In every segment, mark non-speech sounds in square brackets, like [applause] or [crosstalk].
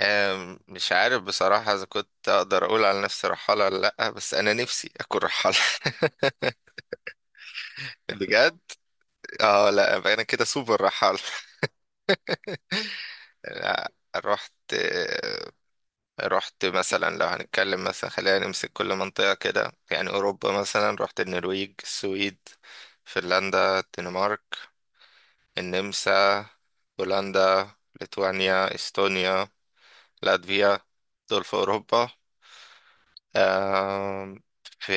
مش عارف بصراحة إذا كنت أقدر أقول على نفسي رحالة ولا لأ، بس أنا نفسي أكون رحالة. [laughs] بجد. اه، لأ، يبقى أنا كده سوبر رحالة. [laughs] لأ، رحت آه، رحت مثلا، لو هنتكلم مثلا خلينا نمسك كل منطقة كده، يعني أوروبا مثلا، رحت النرويج، السويد، فنلندا، الدنمارك، النمسا، بولندا، ليتوانيا، استونيا، لاتفيا. دول في أوروبا. آم، في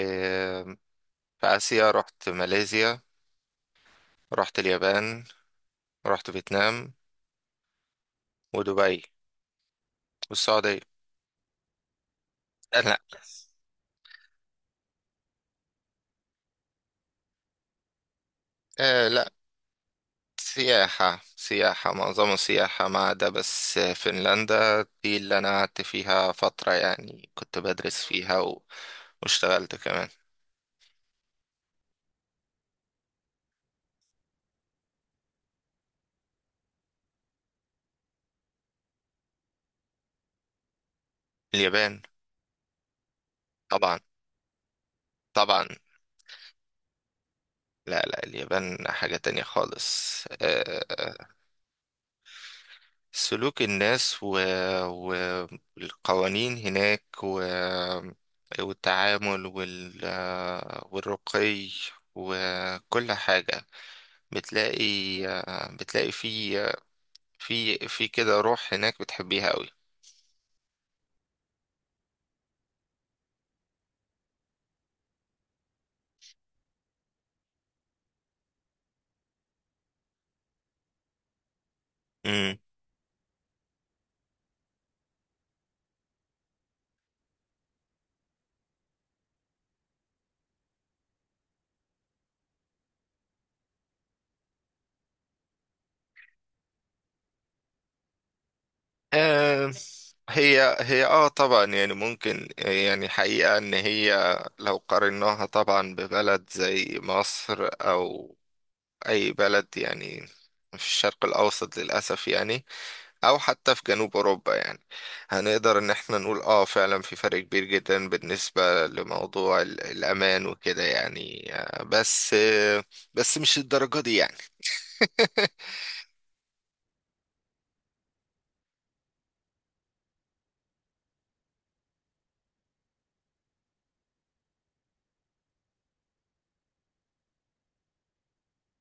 في آسيا رحت ماليزيا، رحت اليابان، رحت فيتنام، ودبي، والسعودية. لا. لا، سياحة سياحة، معظم السياحة، ما عدا بس فنلندا دي اللي أنا قعدت فيها فترة، يعني كنت بدرس فيها واشتغلت كمان. اليابان. طبعا طبعا. لا لا، اليابان حاجة تانية خالص. سلوك الناس و- والقوانين هناك، والتعامل والرقي وكل حاجة. بتلاقي بتلاقي في كده روح هناك بتحبيها قوي. امم آه هي، طبعا، يعني ممكن، يعني حقيقة ان هي لو قارناها طبعا ببلد زي مصر، او اي بلد يعني في الشرق الاوسط للاسف، يعني او حتى في جنوب اوروبا، يعني هنقدر ان احنا نقول اه فعلا في فرق كبير جدا بالنسبة لموضوع الامان وكده، يعني بس بس مش الدرجة دي يعني.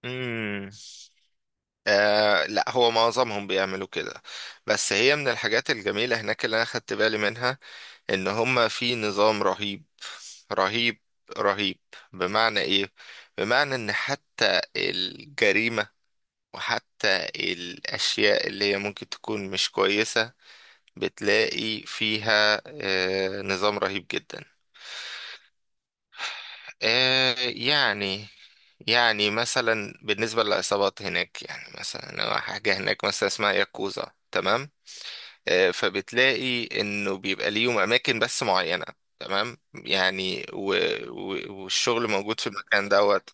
مم. لا، هو معظمهم بيعملوا كده، بس هي من الحاجات الجميلة هناك اللي انا خدت بالي منها، ان هما في نظام رهيب رهيب رهيب. بمعنى ايه؟ بمعنى ان حتى الجريمة، وحتى الاشياء اللي هي ممكن تكون مش كويسة، بتلاقي فيها نظام رهيب جدا. يعني مثلا، بالنسبة للعصابات هناك، يعني مثلا حاجة هناك مثلا اسمها ياكوزا، تمام؟ فبتلاقي انه بيبقى ليهم اماكن بس معينة، تمام، يعني والشغل موجود في المكان دوت.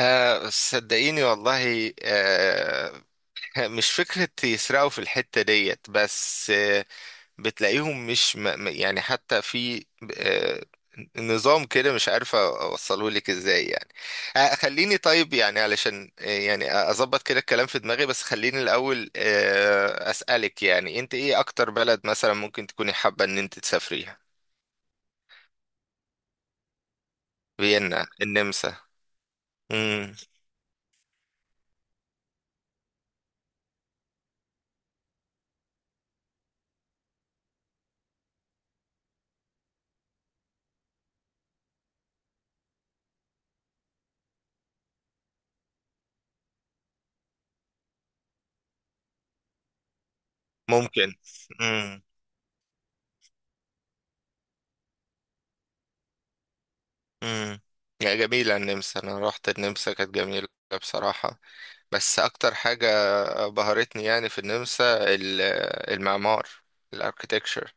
صدقيني والله. [laughs] مش فكرة يسرقوا في الحتة ديت، بس بتلاقيهم مش يعني حتى في آه، نظام كده مش عارف اوصله لك ازاي يعني. خليني طيب، يعني علشان يعني اظبط كده الكلام في دماغي، بس خليني الاول اسالك، يعني انت ايه اكتر بلد مثلا ممكن تكوني حابه ان انت تسافريها؟ فيينا، النمسا. مم. ممكن. مم. مم. يا جميله النمسا، انا رحت النمسا كانت جميله بصراحه. بس اكتر حاجة بهرتني يعني في النمسا، ال- المعمار، الاركيتكتشر.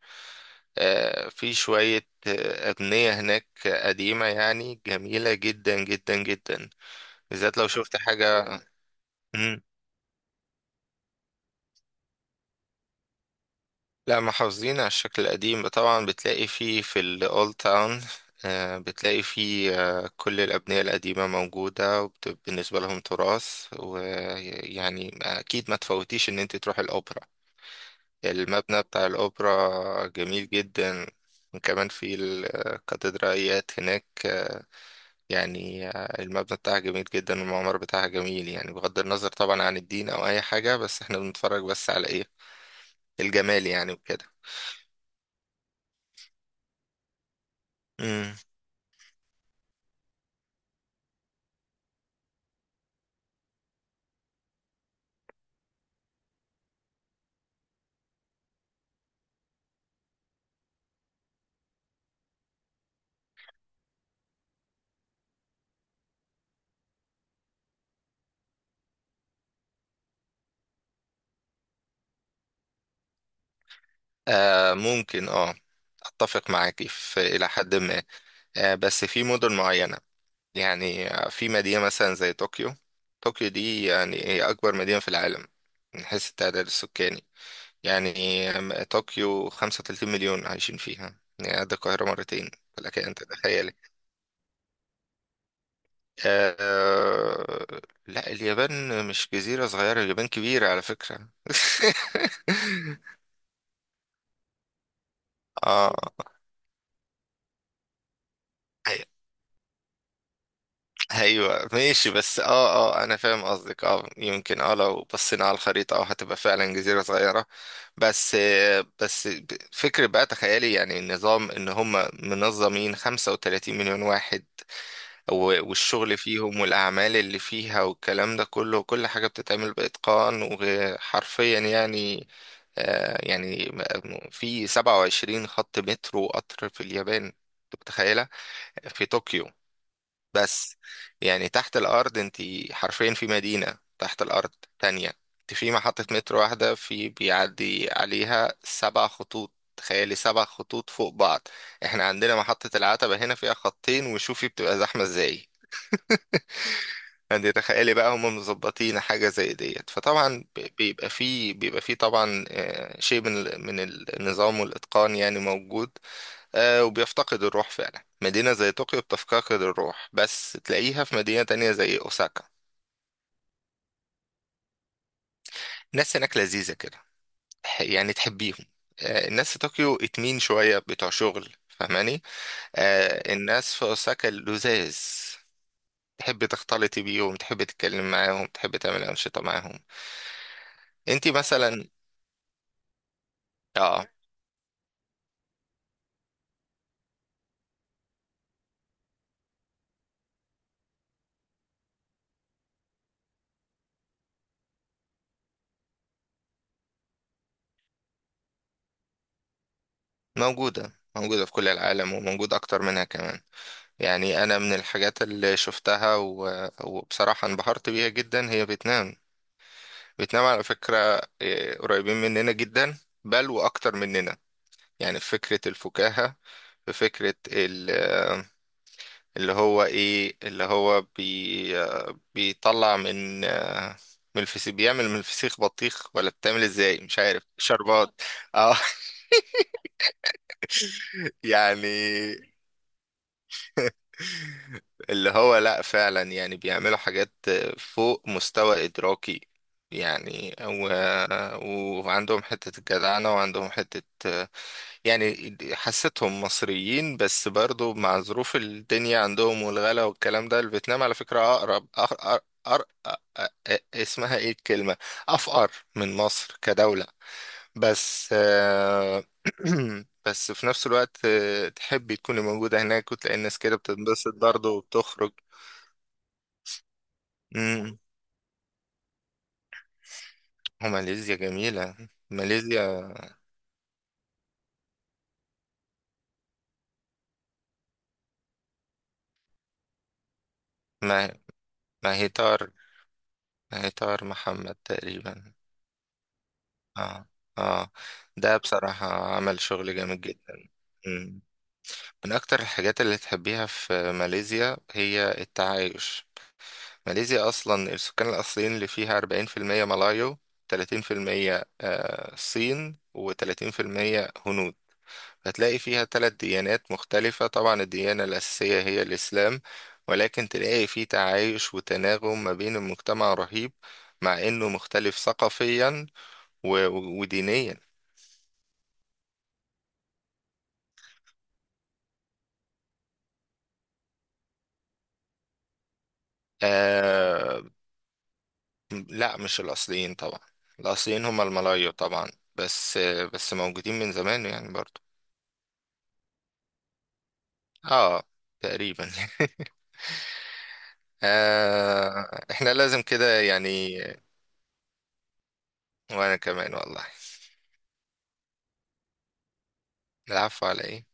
في شوية أبنية هناك قديمة يعني جميلة جدا جدا جدا، بالذات لو شفت حاجة. مم. لا، محافظين على الشكل القديم طبعا، بتلاقي فيه في الأولد تاون بتلاقي فيه كل الأبنية القديمة موجودة، وبالنسبة لهم تراث، ويعني أكيد ما تفوتيش إن أنت تروح الأوبرا. المبنى بتاع الأوبرا جميل جدا، وكمان في الكاتدرائيات هناك. يعني المبنى بتاعها جميل جدا، والمعمار بتاعها جميل، يعني بغض النظر طبعا عن الدين أو أي حاجة، بس احنا بنتفرج بس على إيه، الجمال يعني وكده. مم. ممكن، أتفق معاكي في إلى حد ما، بس في مدن معينة. يعني في مدينة مثلا زي طوكيو. طوكيو دي، يعني هي أكبر مدينة في العالم من حيث التعداد السكاني. يعني طوكيو 35 مليون عايشين فيها، يعني قد القاهرة مرتين، فلك أن تتخيلي. آه... لا، اليابان مش جزيرة صغيرة، اليابان كبيرة على فكرة. [laughs] اه. أي- ايوه ماشي، بس اه، اه انا فاهم قصدك. اه، يمكن لو بصينا على الخريطة، هتبقى فعلا جزيرة صغيرة، بس بس فكرة بقى تخيلي يعني النظام، ان هم منظمين 35 مليون واحد، والشغل فيهم والأعمال اللي فيها والكلام ده كله، كل حاجة بتتعمل بإتقان وحرفيا يعني. يعني في 27 خط مترو وقطر في اليابان، أنت متخيلة؟ في طوكيو بس، يعني تحت الأرض أنت حرفيا في مدينة تحت الأرض تانية. أنت في محطة مترو واحدة في بيعدي عليها 7 خطوط، تخيلي، 7 خطوط فوق بعض. احنا عندنا محطة العتبة هنا فيها خطين وشوفي بتبقى زحمة ازاي، يعني تخيلي بقى هم مظبطين حاجة زي ديت، فطبعا بيبقى فيه طبعا شيء من من النظام والإتقان يعني موجود. وبيفتقد الروح فعلا، مدينة زي طوكيو بتفتقد الروح، بس تلاقيها في مدينة تانية زي أوساكا. الناس هناك لذيذة كده، يعني تحبيهم. الناس في طوكيو اتمين شوية بتوع شغل فاهماني. الناس في أوساكا لذاذ، تحب تختلطي بيهم، تحب تتكلم معاهم، تحب تعمل أنشطة معاهم. انتي مثلا. اه، موجودة موجودة في كل العالم، وموجود أكتر منها كمان. يعني أنا من الحاجات اللي شفتها وبصراحة انبهرت بيها جدا هي فيتنام. فيتنام على فكرة، إيه، قريبين مننا جدا، بل وأكتر مننا. يعني في فكرة الفكاهة، في فكرة اللي هو إيه، اللي هو بيطلع من الفسيخ، بيعمل من الفسيخ بطيخ، ولا بتعمل ازاي مش عارف، شربات. اه. [laughs] يعني اللي هو لا فعلا يعني بيعملوا حاجات فوق مستوى إدراكي، يعني و... وعندهم حتة الجدعنة، وعندهم حتة يعني حسيتهم مصريين، بس برضو مع ظروف الدنيا عندهم والغلا والكلام ده، الفيتنام على فكرة أقرب أقرب، أر... أ... اسمها ايه الكلمة، أفقر من مصر كدولة. بس [clears throat] بس في نفس الوقت تحبي تكوني موجودة هناك، وتلاقي الناس كده بتنبسط برضه وبتخرج. امم. وماليزيا جميلة. ماليزيا. ما ما هي طار ما هي طار محمد تقريبا. اه. اه. ده بصراحة عمل شغل جامد جدا. مم. من أكتر الحاجات اللي تحبيها في ماليزيا هي التعايش. ماليزيا أصلا السكان الأصليين اللي فيها 40% ملايو، 30% صين، وتلاتين في المية هنود. هتلاقي فيها ثلاث ديانات مختلفة، طبعا الديانة الأساسية هي الإسلام، ولكن تلاقي فيه تعايش وتناغم ما بين المجتمع رهيب، مع إنه مختلف ثقافيا ودينيا. آه لا، مش الأصليين طبعا، الأصليين هم الملايو طبعا. بس موجودين من زمان يعني برضو. اه، تقريبا. [laughs] احنا لازم كده يعني. وانا كمان والله. العفو، على ايه.